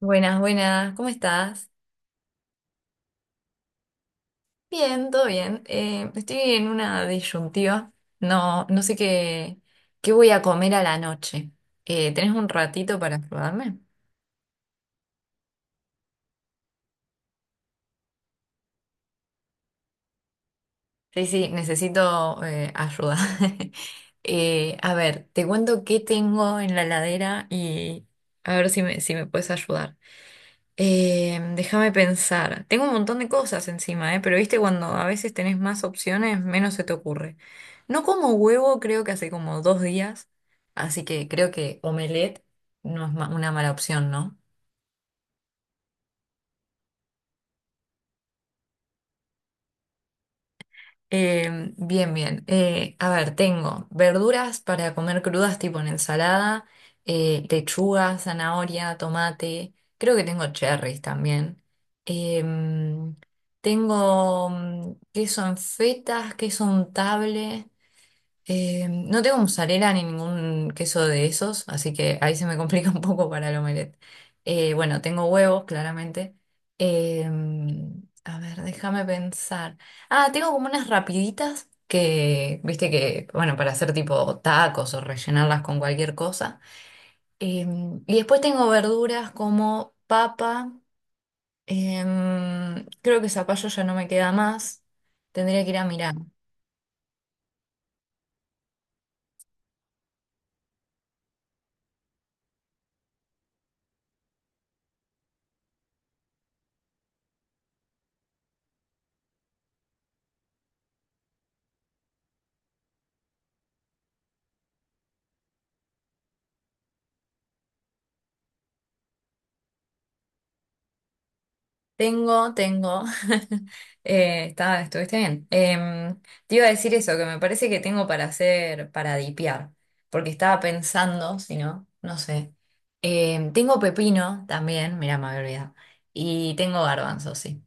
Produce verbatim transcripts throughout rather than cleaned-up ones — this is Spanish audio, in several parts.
Buenas, buenas, ¿cómo estás? Bien, todo bien. Eh, estoy en una disyuntiva. No, no sé qué, qué voy a comer a la noche. Eh, ¿tenés un ratito para ayudarme? Sí, sí, necesito eh, ayuda. Eh, a ver, te cuento qué tengo en la heladera y a ver si me, si me puedes ayudar. Eh, déjame pensar. Tengo un montón de cosas encima, ¿eh? Pero viste, cuando a veces tenés más opciones, menos se te ocurre. No como huevo, creo que hace como dos días. Así que creo que omelette no es ma- una mala opción, ¿no? Em, bien, bien. Eh, a ver, tengo verduras para comer crudas tipo en ensalada, eh, lechuga, zanahoria, tomate, creo que tengo cherries también. Em, tengo mm, queso en fetas, queso untable, eh, no tengo mozzarella ni ningún queso de esos, así que ahí se me complica un poco para el omelette. Eh, bueno, tengo huevos, claramente. Eh, a ver, déjame pensar. Ah, tengo como unas rapiditas que, viste que, bueno, para hacer tipo tacos o rellenarlas con cualquier cosa. Em, y después tengo verduras como papa. Em, creo que zapallo ya no me queda más. Tendría que ir a mirar. Tengo, tengo. Eh, está, estuviste bien. Em, te iba a decir eso, que me parece que tengo para hacer, para dipear, porque estaba pensando, si no, no sé. Em, tengo pepino también, mira, me había olvidado. Y tengo garbanzo, sí.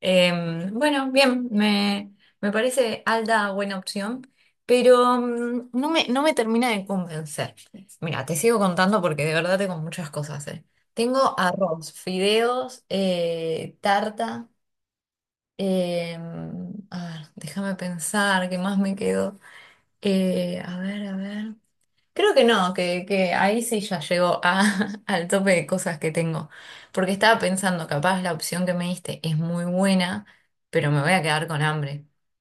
Em, bueno, bien, me, me parece Alda buena opción, pero mm, no me, no me termina de convencer. Mira, te sigo contando porque de verdad tengo muchas cosas, eh. Tengo arroz, fideos, eh, tarta. Em, a ver, déjame pensar, ¿qué más me quedó? Eh, a ver, a ver. Creo que no, que, que ahí sí ya llegó a, al tope de cosas que tengo. Porque estaba pensando, capaz la opción que me diste es muy buena, pero me voy a quedar con hambre.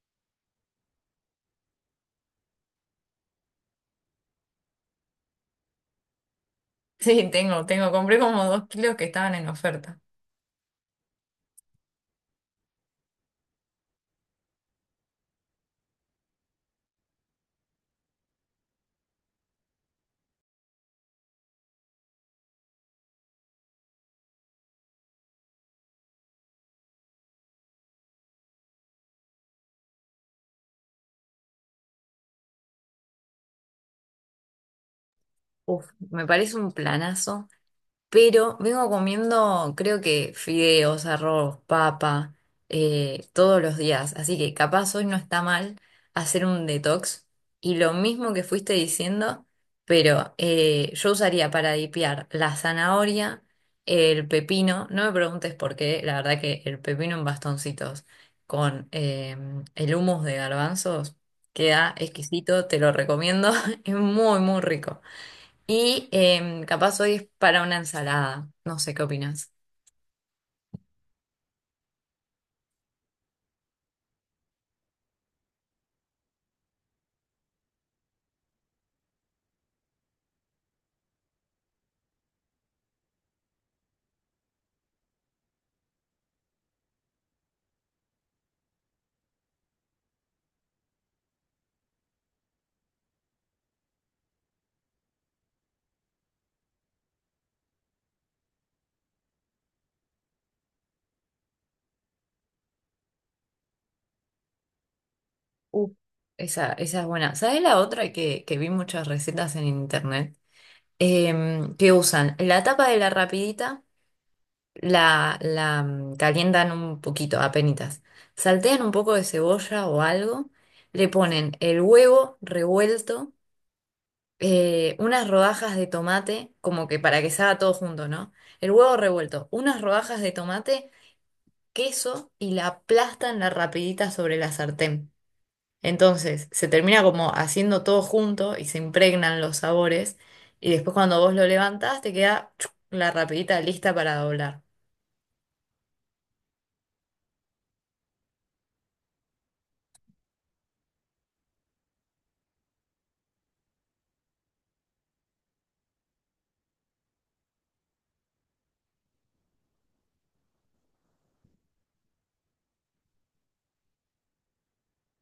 Sí, tengo, tengo. Compré como dos kilos que estaban en oferta. Uf, me parece un planazo. Pero vengo comiendo, creo que fideos, arroz, papa, eh, todos los días. Así que capaz hoy no está mal hacer un detox. Y lo mismo que fuiste diciendo, pero eh, yo usaría para dipear la zanahoria, el pepino. No me preguntes por qué, la verdad que el pepino en bastoncitos con eh, el hummus de garbanzos queda exquisito, te lo recomiendo. Es muy, muy rico. Y em, capaz hoy es para una ensalada. No sé qué opinas. Uh, Esa, esa es buena. ¿Sabes la otra que, que vi muchas recetas en internet? Em, que usan la tapa de la rapidita, la, la mm, calientan un poquito, apenitas. Saltean un poco de cebolla o algo, le ponen el huevo revuelto, eh, unas rodajas de tomate, como que para que salga todo junto, ¿no? El huevo revuelto, unas rodajas de tomate queso y la aplastan la rapidita sobre la sartén. Entonces se termina como haciendo todo junto y se impregnan los sabores y después cuando vos lo levantás te queda chuc, la rapidita lista para doblar.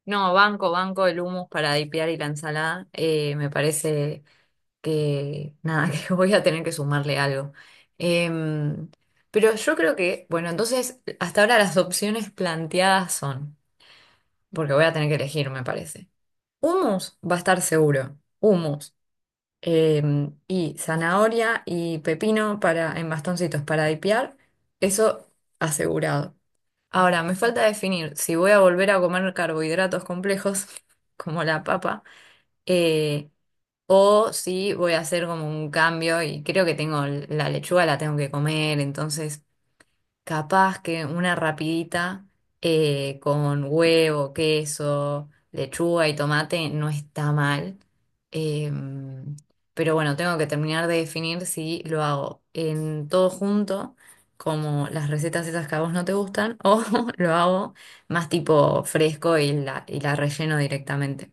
No, banco, banco el hummus para dipear y la ensalada. Eh, me parece que nada, que voy a tener que sumarle algo. Em, pero yo creo que, bueno, entonces hasta ahora las opciones planteadas son, porque voy a tener que elegir, me parece. Humus va a estar seguro. Humus. Em, y zanahoria y pepino para, en bastoncitos para dipear. Eso asegurado. Ahora, me falta definir si voy a volver a comer carbohidratos complejos, como la papa, eh, o si voy a hacer como un cambio y creo que tengo l- la lechuga, la tengo que comer, entonces capaz que una rapidita eh, con huevo, queso, lechuga y tomate no está mal. Em, pero bueno, tengo que terminar de definir si lo hago en todo junto, como las recetas esas que a vos no te gustan, o lo hago más tipo fresco y la, y la relleno directamente.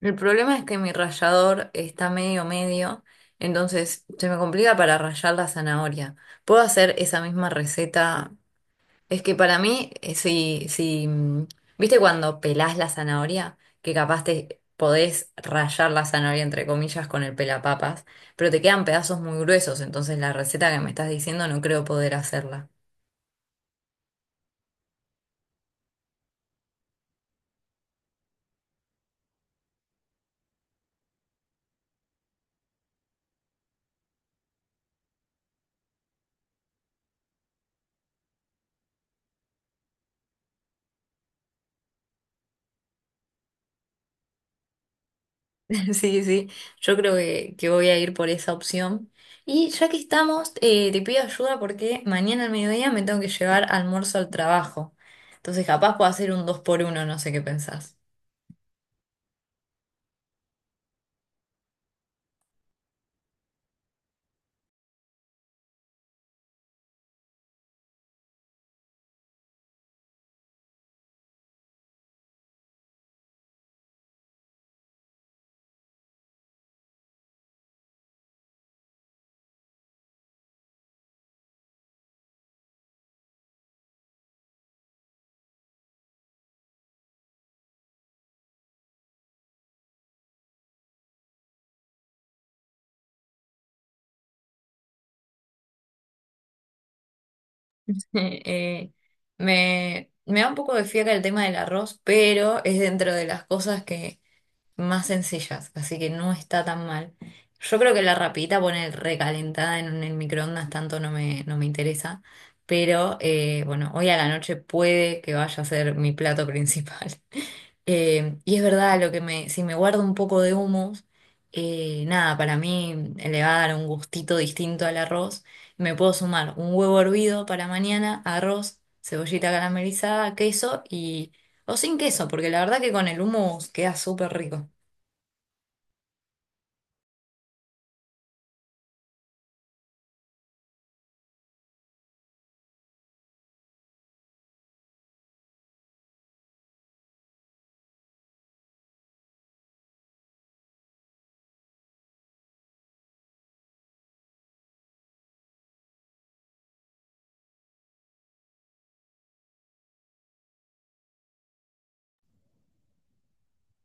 El problema es que mi rallador está medio medio, entonces se me complica para rallar la zanahoria. ¿Puedo hacer esa misma receta? Es que para mí, eh, si, si, mm, ¿viste cuando pelás la zanahoria? Que capaz te podés rayar la zanahoria, entre comillas, con el pelapapas, pero te quedan pedazos muy gruesos, entonces la receta que me estás diciendo no creo poder hacerla. Sí, sí, yo creo que, que voy a ir por esa opción. Y ya que estamos, eh, te pido ayuda porque mañana al mediodía me tengo que llevar almuerzo al trabajo. Entonces capaz puedo hacer un dos por uno, no sé qué pensás. Eh, me, me da un poco de fiaca el tema del arroz, pero es dentro de las cosas que más sencillas, así que no está tan mal. Yo creo que la rapidita poner recalentada en el microondas tanto no me, no me interesa, pero eh, bueno, hoy a la noche puede que vaya a ser mi plato principal. Eh, y es verdad, lo que me, si me guardo un poco de humus, eh, nada, para mí le va a dar un gustito distinto al arroz. Me puedo sumar un huevo hervido para mañana, arroz, cebollita caramelizada, queso y... O sin queso, porque la verdad que con el hummus queda súper rico.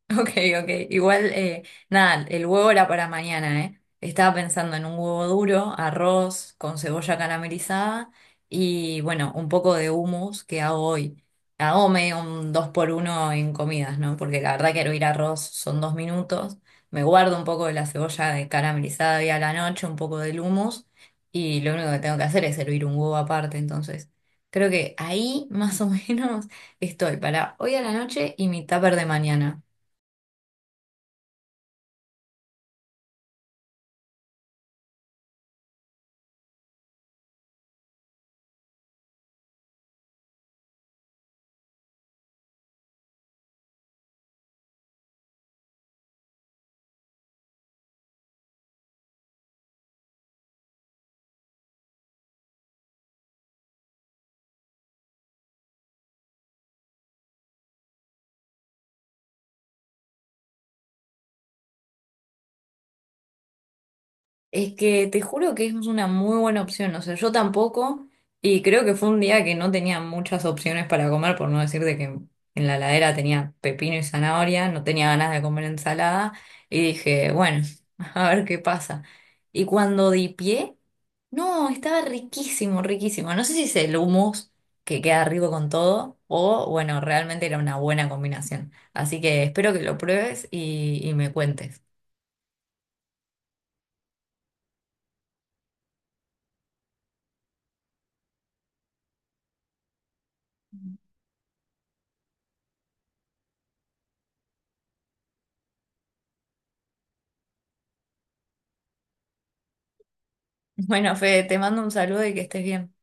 Ok, ok. Igual, eh, nada, el huevo era para mañana, ¿eh? Estaba pensando en un huevo duro, arroz con cebolla caramelizada y, bueno, un poco de hummus que hago hoy. Hago medio un dos por uno en comidas, ¿no? Porque la verdad que hervir arroz son dos minutos. Me guardo un poco de la cebolla de caramelizada y a la noche, un poco del hummus y lo único que tengo que hacer es hervir un huevo aparte, entonces. Creo que ahí más o menos estoy para hoy a la noche y mi tupper de mañana. Es que te juro que es una muy buena opción, o sea, yo tampoco, y creo que fue un día que no tenía muchas opciones para comer, por no decirte que en la heladera tenía pepino y zanahoria, no tenía ganas de comer ensalada, y dije, bueno, a ver qué pasa. Y cuando di pie, no, estaba riquísimo, riquísimo. No sé si es el hummus que queda rico con todo, o bueno, realmente era una buena combinación. Así que espero que lo pruebes y, y me cuentes. Bueno, Fede, te mando un saludo y que estés bien.